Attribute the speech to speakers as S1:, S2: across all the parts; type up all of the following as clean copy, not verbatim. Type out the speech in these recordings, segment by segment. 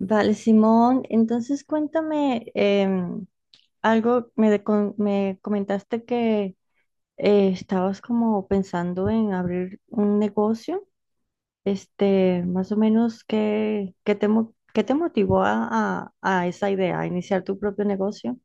S1: Vale, Simón, entonces cuéntame em, algo, me, de- con- me comentaste que estabas como pensando en abrir un negocio, este, más o menos, ¿qué te motivó a esa idea, a iniciar tu propio negocio?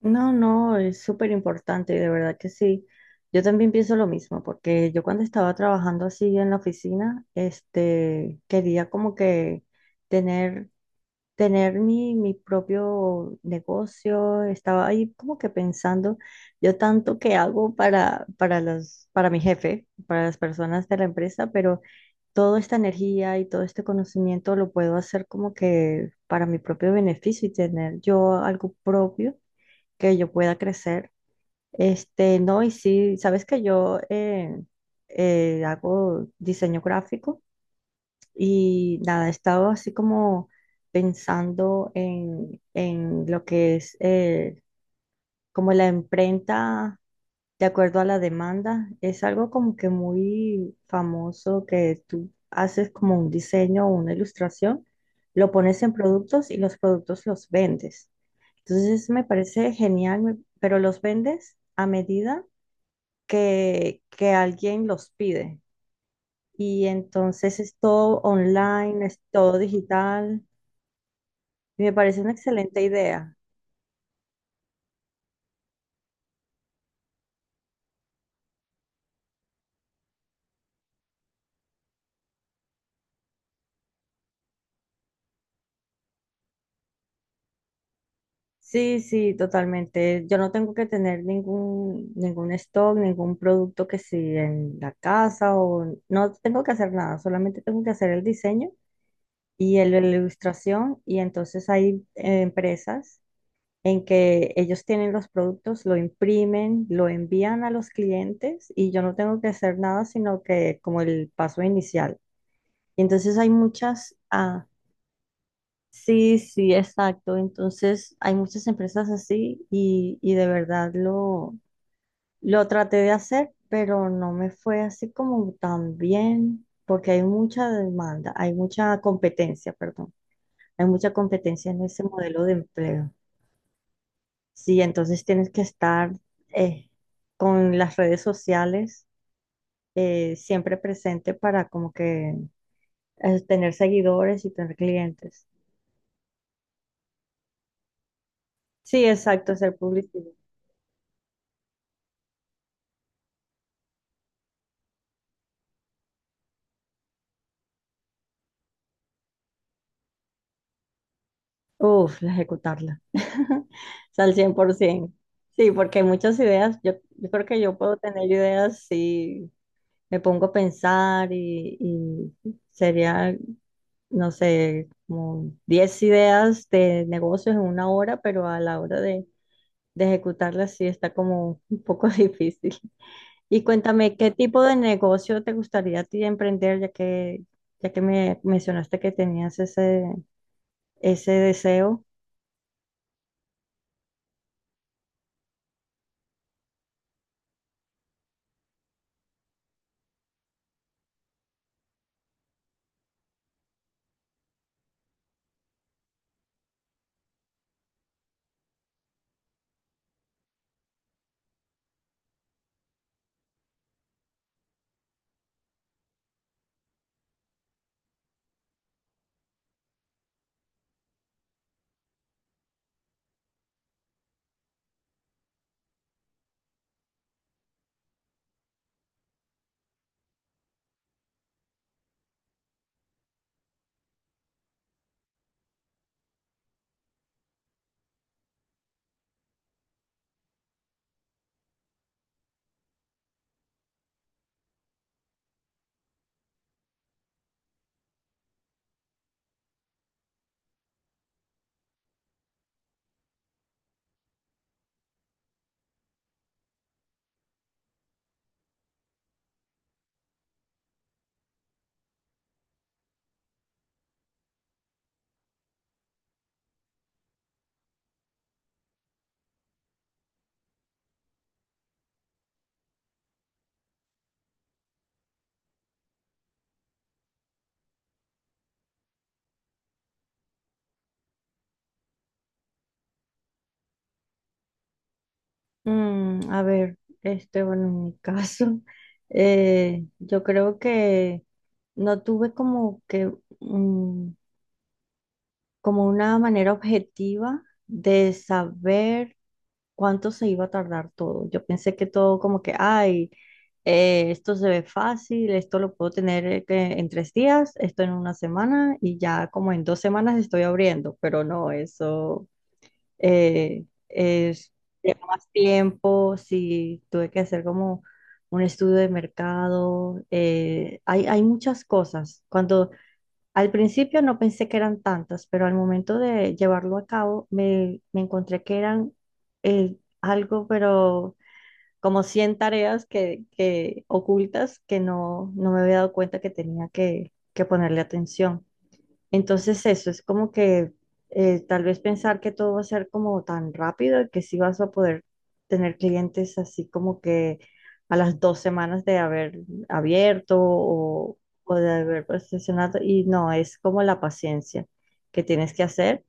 S1: No, no, es súper importante, de verdad que sí. Yo también pienso lo mismo, porque yo cuando estaba trabajando así en la oficina, este, quería como que tener tener mi propio negocio. Estaba ahí como que pensando, yo tanto que hago para mi jefe, para las personas de la empresa, pero toda esta energía y todo este conocimiento lo puedo hacer como que para mi propio beneficio y tener yo algo propio que yo pueda crecer. Este, no, y sí, sabes que yo hago diseño gráfico. Y nada, he estado así como pensando en lo que es como la imprenta de acuerdo a la demanda. Es algo como que muy famoso que tú haces como un diseño o una ilustración, lo pones en productos y los productos los vendes. Entonces me parece genial, pero los vendes a medida que alguien los pide. Y entonces es todo online, es todo digital. Me parece una excelente idea. Sí, sí, totalmente. Yo no tengo que tener ningún stock, ningún producto que sí en la casa o no tengo que hacer nada, solamente tengo que hacer el diseño y la ilustración y entonces hay empresas en que ellos tienen los productos, lo imprimen, lo envían a los clientes y yo no tengo que hacer nada, sino que como el paso inicial. Y entonces hay muchas. Sí, sí, exacto. Entonces, hay muchas empresas así y de verdad lo traté de hacer, pero no me fue así como tan bien, porque hay mucha demanda, hay mucha competencia, perdón, hay mucha competencia en ese modelo de empleo. Sí, entonces tienes que estar eh, con las redes sociales siempre presente para como que tener seguidores y tener clientes. Sí, exacto, ser publicidad. Uf, la ejecutarla. O sea, al 100%. Sí, porque hay muchas ideas. Yo creo que yo puedo tener ideas si me pongo a pensar y sería, no sé, como 10 ideas de negocios en una hora, pero a la hora de ejecutarlas sí está como un poco difícil. Y cuéntame, ¿qué tipo de negocio te gustaría a ti emprender, ya que me mencionaste que tenías ese deseo? Mm, a ver, este, bueno, en mi caso, yo creo que no tuve como que, mm, como una manera objetiva de saber cuánto se iba a tardar todo. Yo pensé que todo como que, ay, esto se ve fácil, esto lo puedo tener que en 3 días, esto en una semana y ya como en 2 semanas estoy abriendo, pero no, eso eh, es, lleva más tiempo, sí, tuve que hacer como un estudio de mercado, hay muchas cosas. Cuando al principio no pensé que eran tantas, pero al momento de llevarlo a cabo me encontré que eran eh, algo, pero como 100 tareas que ocultas que no me había dado cuenta que tenía que ponerle atención. Entonces eso es como que tal vez pensar que todo va a ser como tan rápido y que sí vas a poder tener clientes así como que a las 2 semanas de haber abierto o de haber posicionado y no, es como la paciencia que tienes que hacer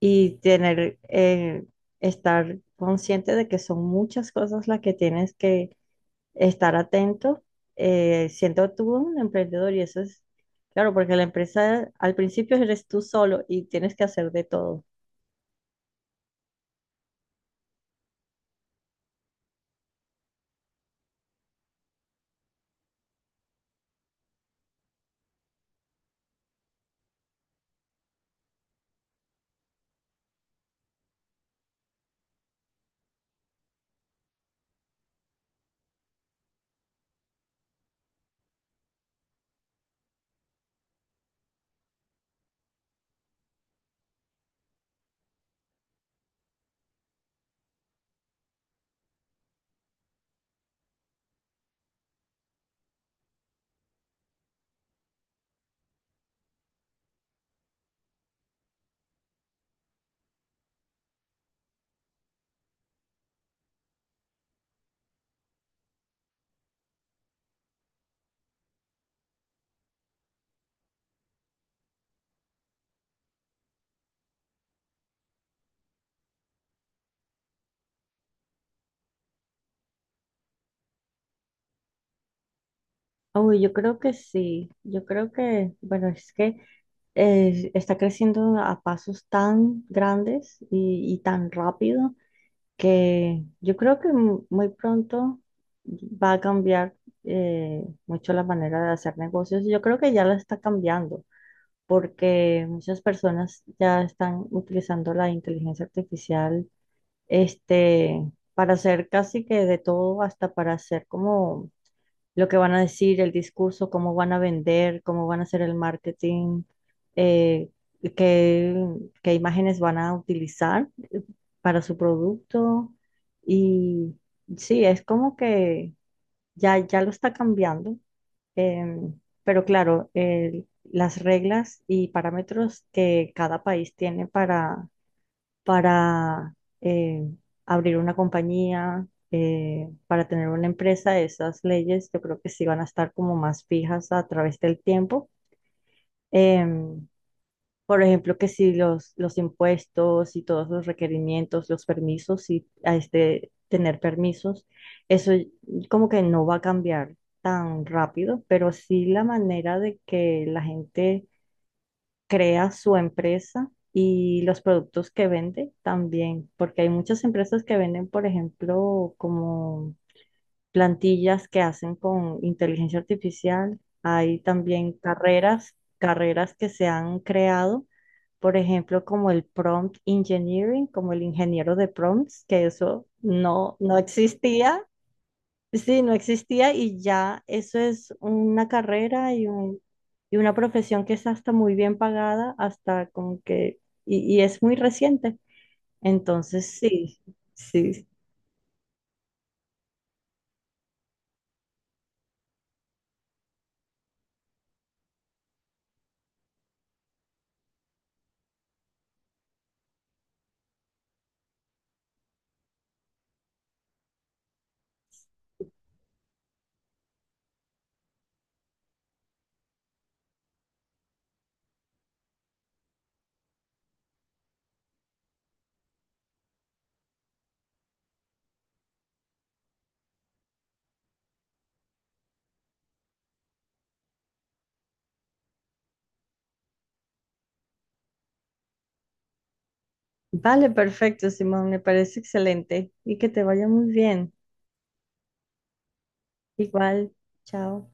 S1: y tener, estar consciente de que son muchas cosas las que tienes que estar atento, siendo tú un emprendedor y eso es, claro, porque la empresa al principio eres tú solo y tienes que hacer de todo. Uy, yo creo que sí, yo creo que, bueno, es que está creciendo a pasos tan grandes y tan rápido que yo creo que muy pronto va a cambiar mucho la manera de hacer negocios. Yo creo que ya la está cambiando, porque muchas personas ya están utilizando la inteligencia artificial, este, para hacer casi que de todo, hasta para hacer como lo que van a decir, el discurso, cómo van a vender, cómo van a hacer el marketing, eh, qué, qué imágenes van a utilizar para su producto. Y sí, es como que ya lo está cambiando. Em, pero claro, las reglas y parámetros que cada país tiene para, eh, abrir una compañía, para tener una empresa, esas leyes yo creo que sí van a estar como más fijas a través del tiempo. Em, por ejemplo, que si los impuestos y todos los requerimientos, los permisos y a este tener permisos, eso como que no va a cambiar tan rápido, pero sí la manera de que la gente crea su empresa y los productos que vende también, porque hay muchas empresas que venden, por ejemplo, como plantillas que hacen con inteligencia artificial, hay también carreras que se han creado por ejemplo, como el prompt engineering, como el ingeniero de prompts, que eso no existía. Sí, no existía y ya eso es una carrera y una profesión que es hasta muy bien pagada, hasta como que, y es muy reciente. Entonces, sí, sí. Vale, perfecto, Simón, me parece excelente y que te vaya muy bien. Igual, chao.